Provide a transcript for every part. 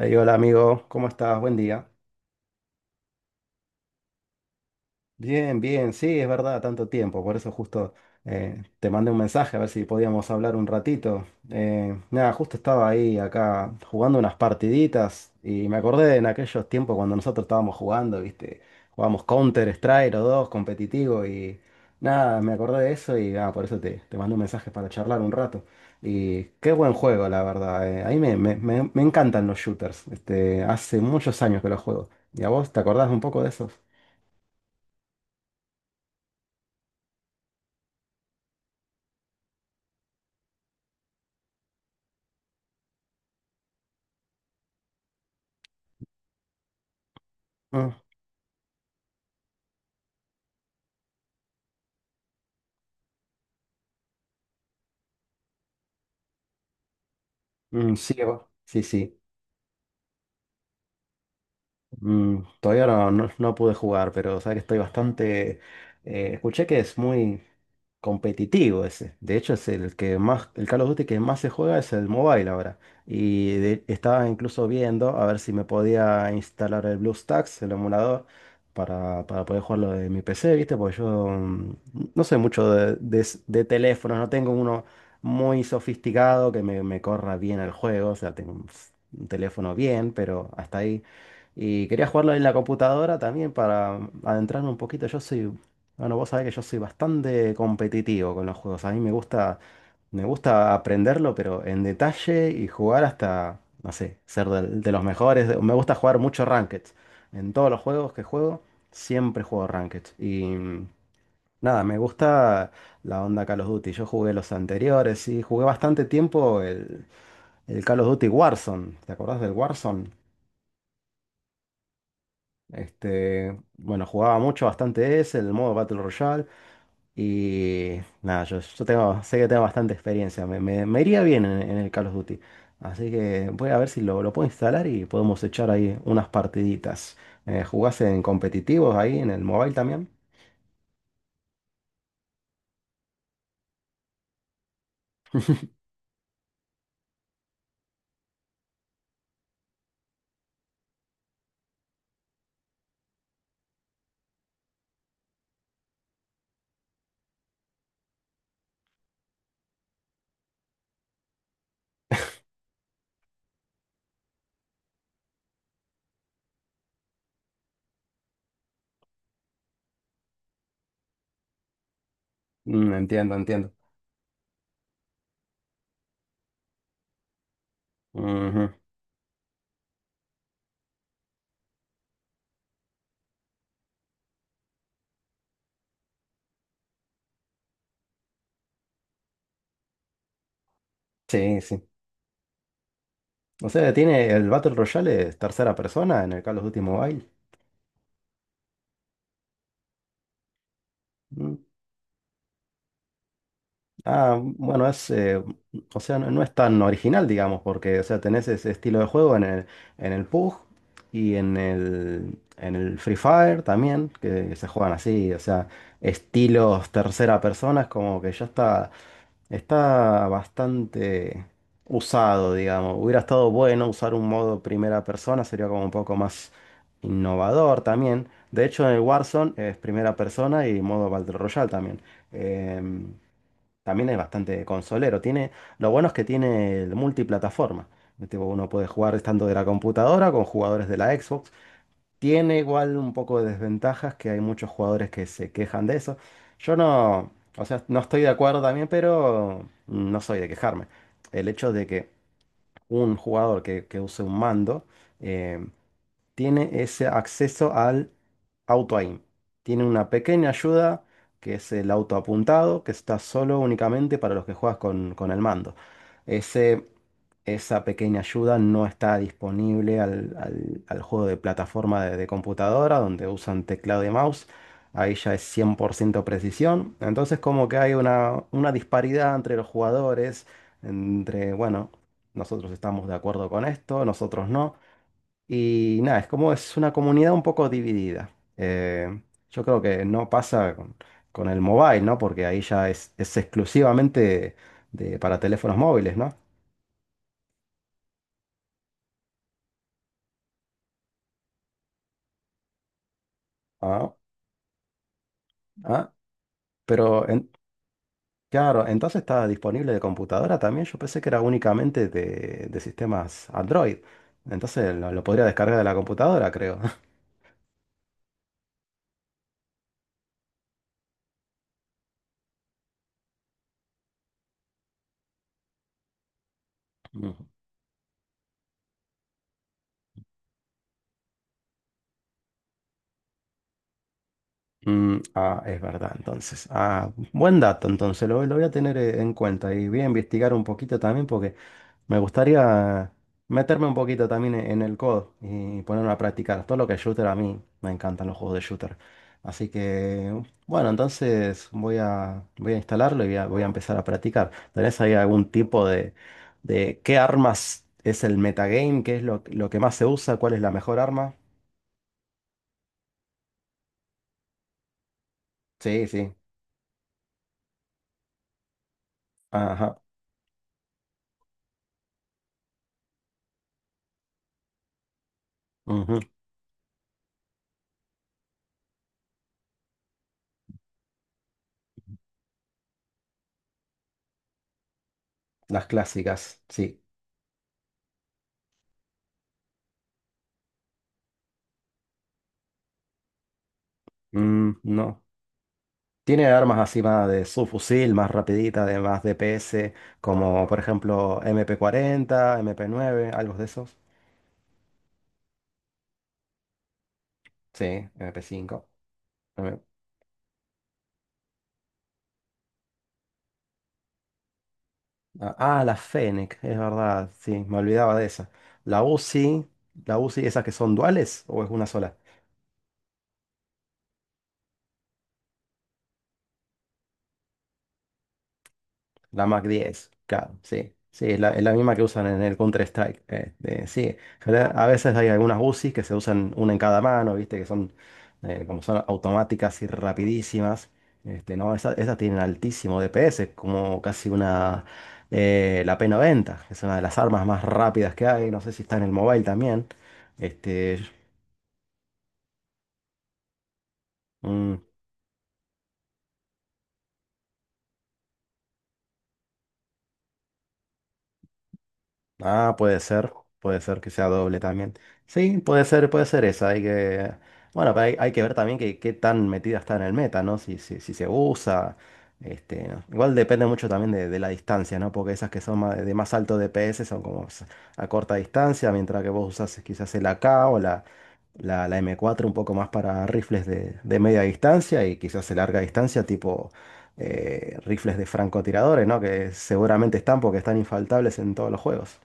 Ey, hola amigo, ¿cómo estás? Buen día. Bien, bien, sí, es verdad, tanto tiempo, por eso justo te mandé un mensaje a ver si podíamos hablar un ratito. Nada, justo estaba ahí acá jugando unas partiditas y me acordé de en aquellos tiempos cuando nosotros estábamos jugando, ¿viste? Jugábamos Counter Strike o dos, competitivo y nada, me acordé de eso y ah, por eso te mandé un mensaje para charlar un rato. Y qué buen juego, la verdad. A mí me encantan los shooters, este, hace muchos años que los juego. ¿Y a vos te acordás un poco de esos? Mm, sí, va. Sí, sí. Mm, todavía no pude jugar, pero sabes que estoy bastante... Escuché que es muy competitivo ese. De hecho, es el que más, el Call of Duty que más se juega es el mobile ahora. Y de- estaba incluso viendo a ver si me podía instalar el BlueStacks, el emulador, para poder jugarlo de mi PC, ¿viste? Porque yo no sé mucho de teléfonos, no tengo uno muy sofisticado que me corra bien el juego. O sea, tengo un un teléfono bien, pero hasta ahí. Y quería jugarlo en la computadora también para adentrarme un poquito. Yo soy, bueno, vos sabés que yo soy bastante competitivo con los juegos. A mí me gusta aprenderlo, pero en detalle y jugar hasta, no sé, ser los mejores. Me gusta jugar mucho Ranked. En todos los juegos que juego, siempre juego Ranked. Y nada, me gusta la onda Call of Duty. Yo jugué los anteriores y jugué bastante tiempo el Call of Duty Warzone. ¿Te acordás del Warzone? Este, bueno, jugaba mucho, bastante ese, el modo Battle Royale. Y nada, yo tengo, sé que tengo bastante experiencia. Me iría bien en el Call of Duty. Así que voy a ver si lo puedo instalar y podemos echar ahí unas partiditas. ¿Jugás en competitivos ahí en el mobile también? Mm, entiendo, entiendo. Ujú. Sí, sí. O sea, tiene el Battle Royale es tercera persona en el Call of Duty Mobile. Mm. Ah, bueno, es, o sea, no, no es tan original, digamos, porque, o sea, tenés ese estilo de juego en el PUBG y en el Free Fire también, que se juegan así, o sea, estilos tercera persona, es como que ya está, está bastante usado, digamos. Hubiera estado bueno usar un modo primera persona, sería como un poco más innovador también. De hecho, en el Warzone es primera persona y modo Battle Royale también. Em, También es bastante consolero. Tiene, lo bueno es que tiene el multiplataforma. Tipo, uno puede jugar tanto de la computadora con jugadores de la Xbox. Tiene igual un poco de desventajas que hay muchos jugadores que se quejan de eso. Yo no, o sea, no estoy de acuerdo también, pero no soy de quejarme. El hecho de que un jugador que use un mando eh, tiene ese acceso al auto aim. Tiene una pequeña ayuda que es el auto apuntado, que está solo únicamente para los que juegas con el mando. Ese, Esa pequeña ayuda no está disponible al juego de plataforma de computadora, donde usan teclado y mouse. Ahí ya es 100% precisión. Entonces como que hay una disparidad entre los jugadores, entre, bueno, nosotros estamos de acuerdo con esto, nosotros no. Y nada, es como es una comunidad un poco dividida. Eh, yo creo que no pasa con el mobile, ¿no? Porque ahí ya es exclusivamente de, para teléfonos móviles, ¿no? Ah, ah, pero claro, entonces está disponible de computadora también. Yo pensé que era únicamente de sistemas Android. Entonces lo podría descargar de la computadora, creo. Ujú. Mm, ah, es verdad, entonces. Ah, buen dato, entonces lo voy a tener en cuenta y voy a investigar un poquito también porque... Me gustaría meterme un poquito también en el codo y ponerme a practicar. Todo lo que es shooter, a mí me encantan los juegos de shooter. Así que, bueno, entonces voy a instalarlo y voy a empezar a practicar. ¿Tenés ahí algún tipo de qué armas es el metagame? ¿Qué es lo que más se usa? ¿Cuál es la mejor arma? Sí, sí. Ajá. Ujú. Las clásicas, sí. Mm, no. Tiene armas así más de subfusil, más rapidita, de más DPS, como por ejemplo MP40, MP9, algo de esos. Sí, MP5. M. Ah, ah, la Fennec, es verdad, sí, me olvidaba de esa. La Uzi, la Uzi, ¿esas que son duales o es una sola? La Mac 10, claro, sí. Sí, es la misma que usan en el Counter-Strike. Sí, pero a veces hay algunas UCIs que se usan una en cada mano, viste, que son como son automáticas y rapidísimas. Este, no, esas, tienen altísimo DPS, como casi una, la P90, que es una de las armas más rápidas que hay. No sé si está en el mobile también. Este, mm. Ah, puede ser que sea doble también. Sí, puede ser esa. Hay que, bueno, pero hay que ver también que, qué tan metida está en el meta, ¿no? Si se usa, este, ¿no? Igual depende mucho también de la distancia, ¿no? Porque esas que son de más alto DPS son como a corta distancia, mientras que vos usas quizás el AK o la M4 un poco más para rifles de media distancia y quizás de larga distancia, tipo rifles de francotiradores, ¿no? Que seguramente están porque están infaltables en todos los juegos.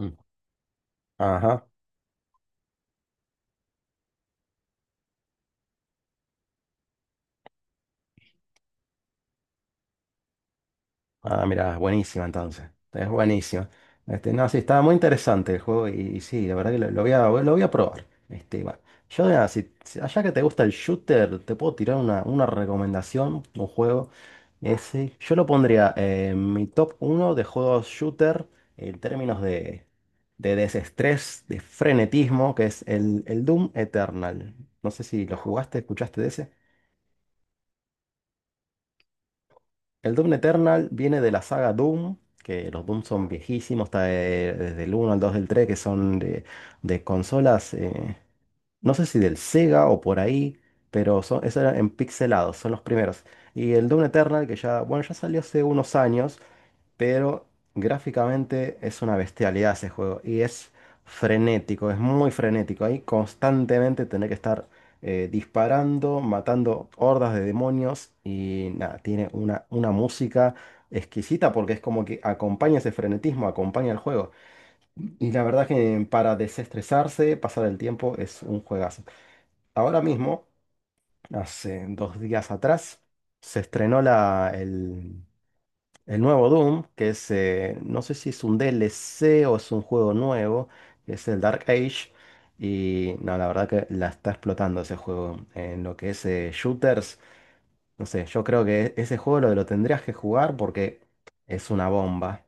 Mm. Ajá. Ah, mira, buenísima entonces. Es buenísima. Este, no, sí, estaba muy interesante el juego y sí, la verdad que lo voy a probar. Este, va. Yo, mira, allá que te gusta el shooter, te puedo tirar una recomendación, un juego. Ese, yo lo pondría en mi top uno de juegos shooter en términos de desestrés, de frenetismo, que es el Doom Eternal. No sé si lo jugaste, escuchaste de ese. El Doom Eternal viene de la saga Doom, que los Doom son viejísimos, está desde el uno al 2, del 3, que son de consolas, no sé si del Sega o por ahí, pero son, eso era en pixelados, son los primeros. Y el Doom Eternal, que ya, bueno, ya salió hace unos años, pero gráficamente es una bestialidad ese juego y es frenético, es muy frenético. Ahí constantemente tener que estar disparando, matando hordas de demonios y nada, tiene una música exquisita porque es como que acompaña ese frenetismo, acompaña el juego. Y la verdad que para desestresarse, pasar el tiempo es un juegazo. Ahora mismo, hace dos días atrás, se estrenó la, el nuevo Doom, que es, no sé si es un DLC o es un juego nuevo, que es el Dark Age. Y no, la verdad que la está explotando ese juego en lo que es shooters. No sé, yo creo que ese juego lo tendrías que jugar porque es una bomba.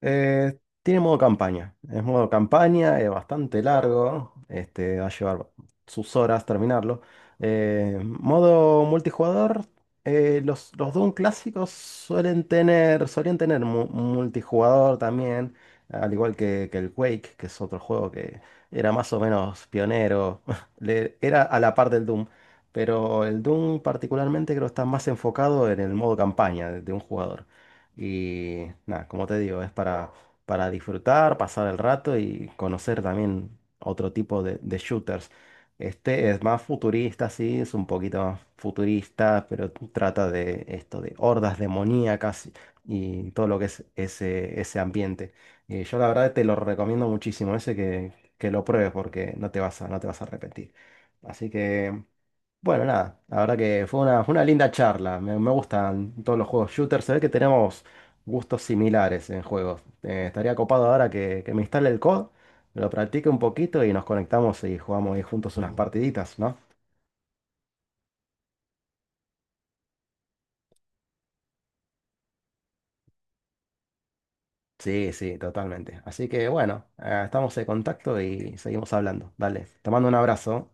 Eh, Tiene modo campaña. Es modo campaña, es bastante largo. Este, va a llevar sus horas terminarlo. Modo multijugador. Los Doom clásicos suelen tener, solían tener multijugador también. Al igual que el Quake, que es otro juego que era más o menos pionero. Era a la par del Doom. Pero el Doom particularmente creo que está más enfocado en el modo campaña de un jugador. Y nada, como te digo, es para disfrutar, pasar el rato y conocer también otro tipo de shooters. Este es más futurista, sí, es un poquito más futurista, pero trata de esto, de hordas demoníacas y todo lo que es ese ambiente. Yo la verdad te lo recomiendo muchísimo, ese que lo pruebes porque no te vas a arrepentir. Así que... Bueno, nada, la verdad que fue una linda charla. Me gustan todos los juegos shooters. Se ve que tenemos gustos similares en juegos. Estaría copado ahora que me instale el COD, lo practique un poquito y nos conectamos y jugamos ahí juntos unas partiditas, ¿no? Sí, sí, totalmente. Así que bueno, estamos en contacto y seguimos hablando. Dale, te mando un abrazo.